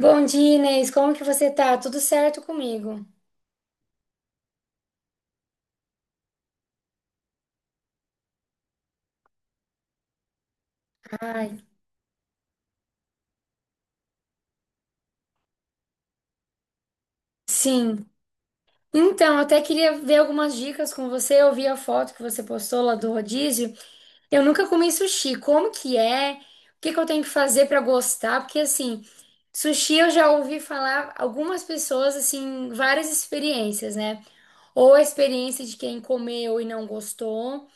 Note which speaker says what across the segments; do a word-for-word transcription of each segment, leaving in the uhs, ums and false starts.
Speaker 1: Bom dia, Inês. Como que você tá? Tudo certo comigo? Ai, sim. Então, eu até queria ver algumas dicas com você. Eu vi a foto que você postou lá do rodízio. Eu nunca comi sushi. Como que é? O que que eu tenho que fazer pra gostar? Porque assim, sushi eu já ouvi falar algumas pessoas assim, várias experiências, né? Ou a experiência de quem comeu e não gostou,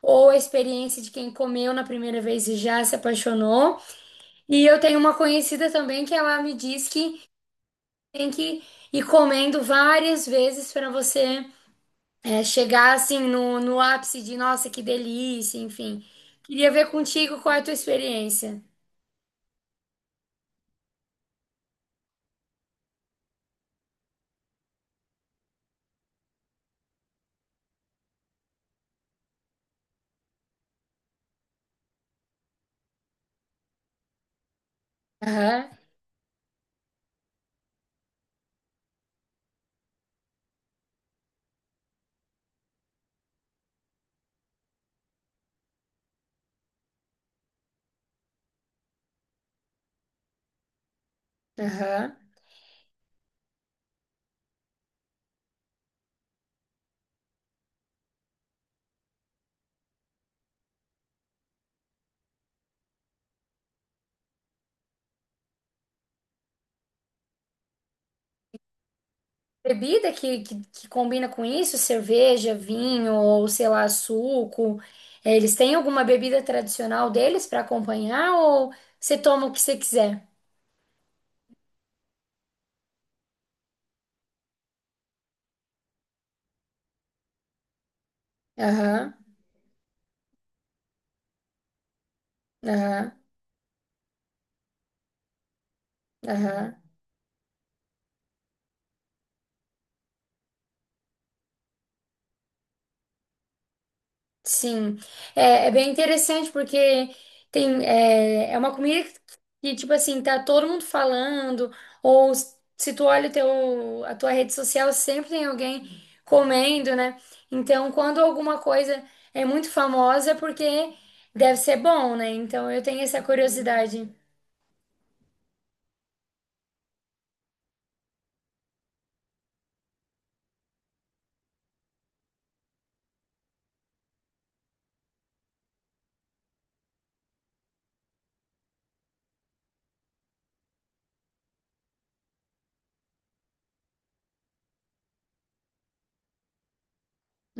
Speaker 1: ou a experiência de quem comeu na primeira vez e já se apaixonou. E eu tenho uma conhecida também que ela me diz que tem que ir comendo várias vezes para você é, chegar assim no, no ápice de nossa, que delícia, enfim. Queria ver contigo qual é a tua experiência. Aham, aham. Bebida que, que, que combina com isso, cerveja, vinho ou sei lá, suco. É, eles têm alguma bebida tradicional deles para acompanhar ou você toma o que você quiser? Aham, aham, aham. Sim, é, é bem interessante porque tem é, é uma comida que, que, tipo assim, tá todo mundo falando, ou s- se tu olha o teu, a tua rede social, sempre tem alguém comendo, né? Então, quando alguma coisa é muito famosa, é porque deve ser bom, né? Então, eu tenho essa curiosidade.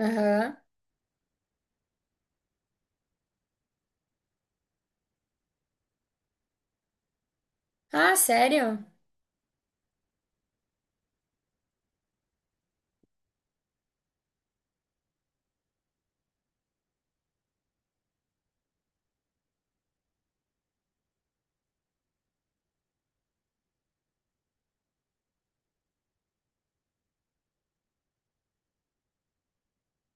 Speaker 1: Aham. Ah, sério?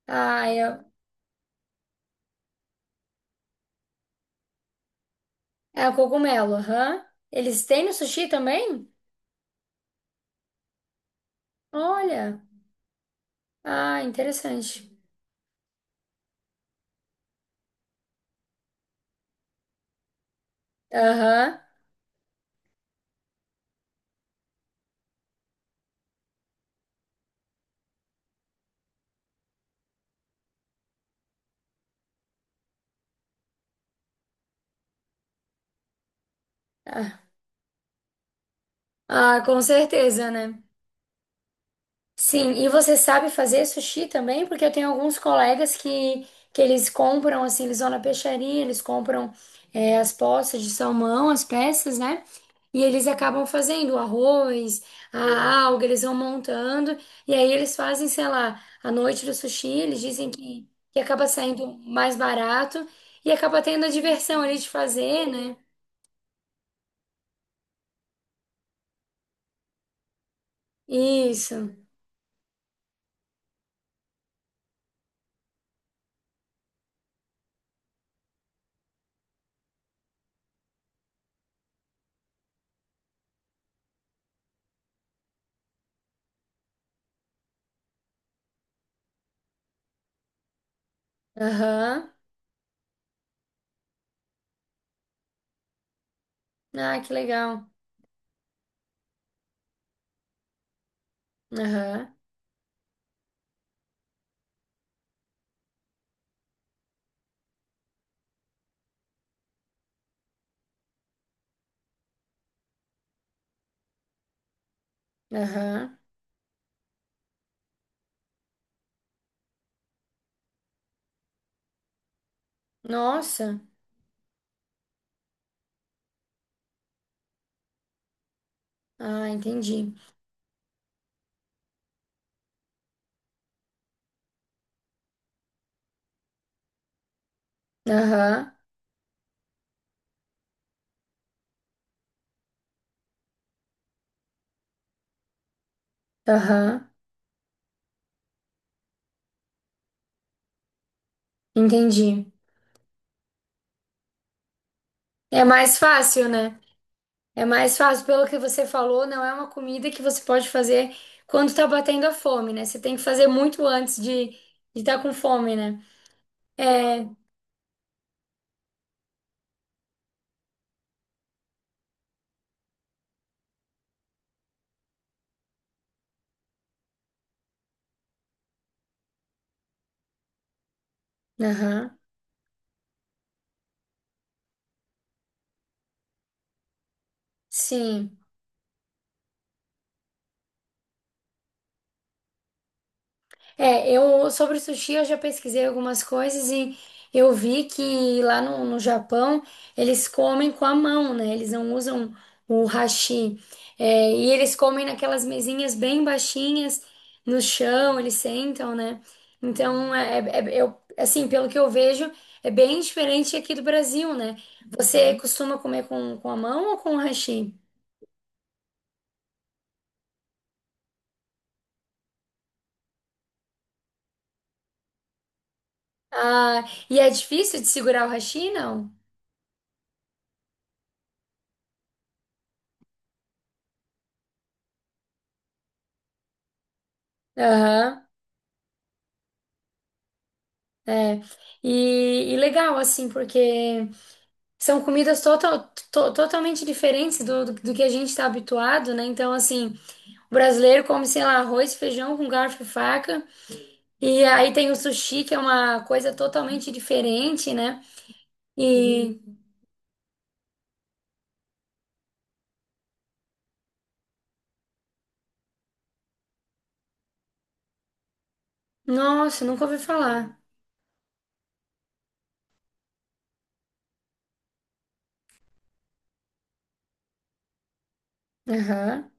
Speaker 1: Ah, eu... é o cogumelo, aham. Eles têm no sushi também? Olha. Ah, interessante. Aham. Ah, com certeza, né? Sim, e você sabe fazer sushi também? Porque eu tenho alguns colegas que, que eles compram, assim, eles vão na peixaria, eles compram é, as poças de salmão, as peças, né? E eles acabam fazendo o arroz, a alga, eles vão montando, e aí eles fazem, sei lá, a noite do sushi, eles dizem que, que acaba saindo mais barato e acaba tendo a diversão ali de fazer, né? Isso. Aham. Ah, que legal. Aham. Aham. Nossa. Ah, entendi. Aham. Aham. Entendi. É mais fácil, né? É mais fácil, pelo que você falou, não é uma comida que você pode fazer quando tá batendo a fome, né? Você tem que fazer muito antes de estar com fome, né? É. Aham. Sim. É, eu sobre o sushi eu já pesquisei algumas coisas e eu vi que lá no, no Japão eles comem com a mão, né? Eles não usam o hashi. É, e eles comem naquelas mesinhas bem baixinhas no chão, eles sentam, né? Então, é, é- é, eu, assim, pelo que eu vejo, é bem diferente aqui do Brasil, né? Você, uhum, costuma comer com, com a mão ou com o hashi? Ah, e é difícil de segurar o hashi, não? Aham. É, e, e legal, assim, porque são comidas total, to- totalmente diferentes do, do, do que a gente está habituado, né? Então, assim, o brasileiro come, sei lá, arroz, feijão com garfo e faca, e aí tem o sushi, que é uma coisa totalmente diferente, né? E, nossa, nunca ouvi falar. Aham.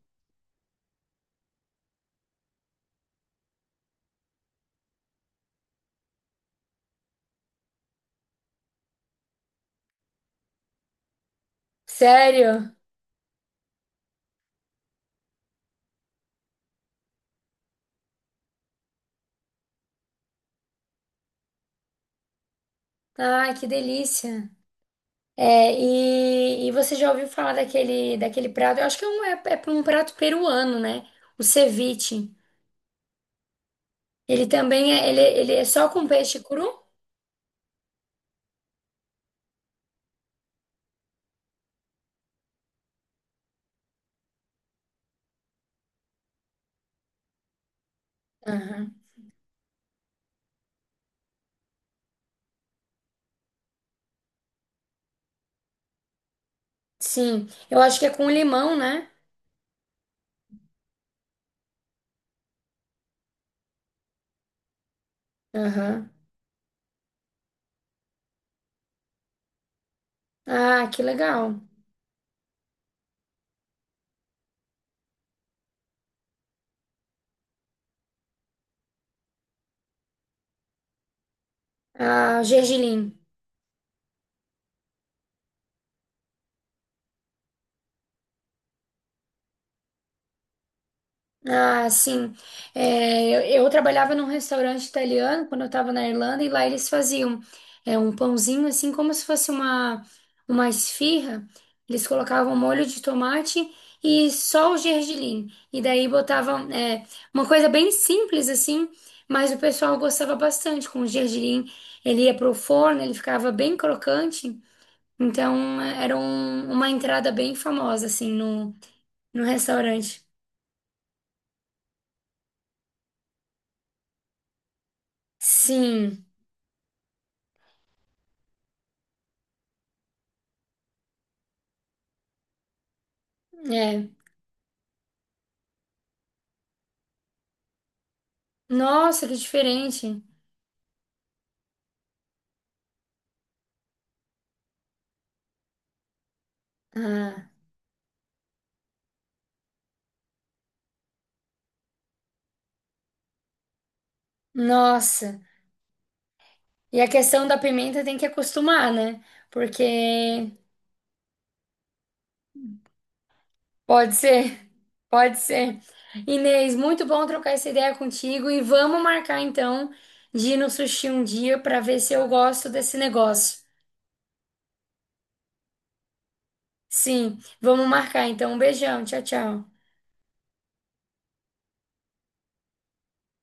Speaker 1: Sério? Ai, que delícia. É, e, e você já ouviu falar daquele, daquele prato? Eu acho que é um, é, é um prato peruano, né? O ceviche. Ele também é, ele, ele é só com peixe cru? Aham. Sim, eu acho que é com limão, né? Aham. Ah, que legal. Ah, gergelim. Ah, sim. É, eu, eu trabalhava num restaurante italiano quando eu estava na Irlanda e lá eles faziam é, um pãozinho assim como se fosse uma, uma esfirra. Eles colocavam molho de tomate e só o gergelim. E daí botavam é, uma coisa bem simples assim, mas o pessoal gostava bastante com o gergelim. Ele ia pro forno, ele ficava bem crocante. Então era um- uma entrada bem famosa assim no, no restaurante. Sim. é Nossa, que diferente. Ah, nossa. E a questão da pimenta tem que acostumar, né? Porque pode ser, pode ser. Inês, muito bom trocar essa ideia contigo e vamos marcar então de ir no sushi um dia para ver se eu gosto desse negócio. Sim, vamos marcar então. Um beijão, tchau, tchau.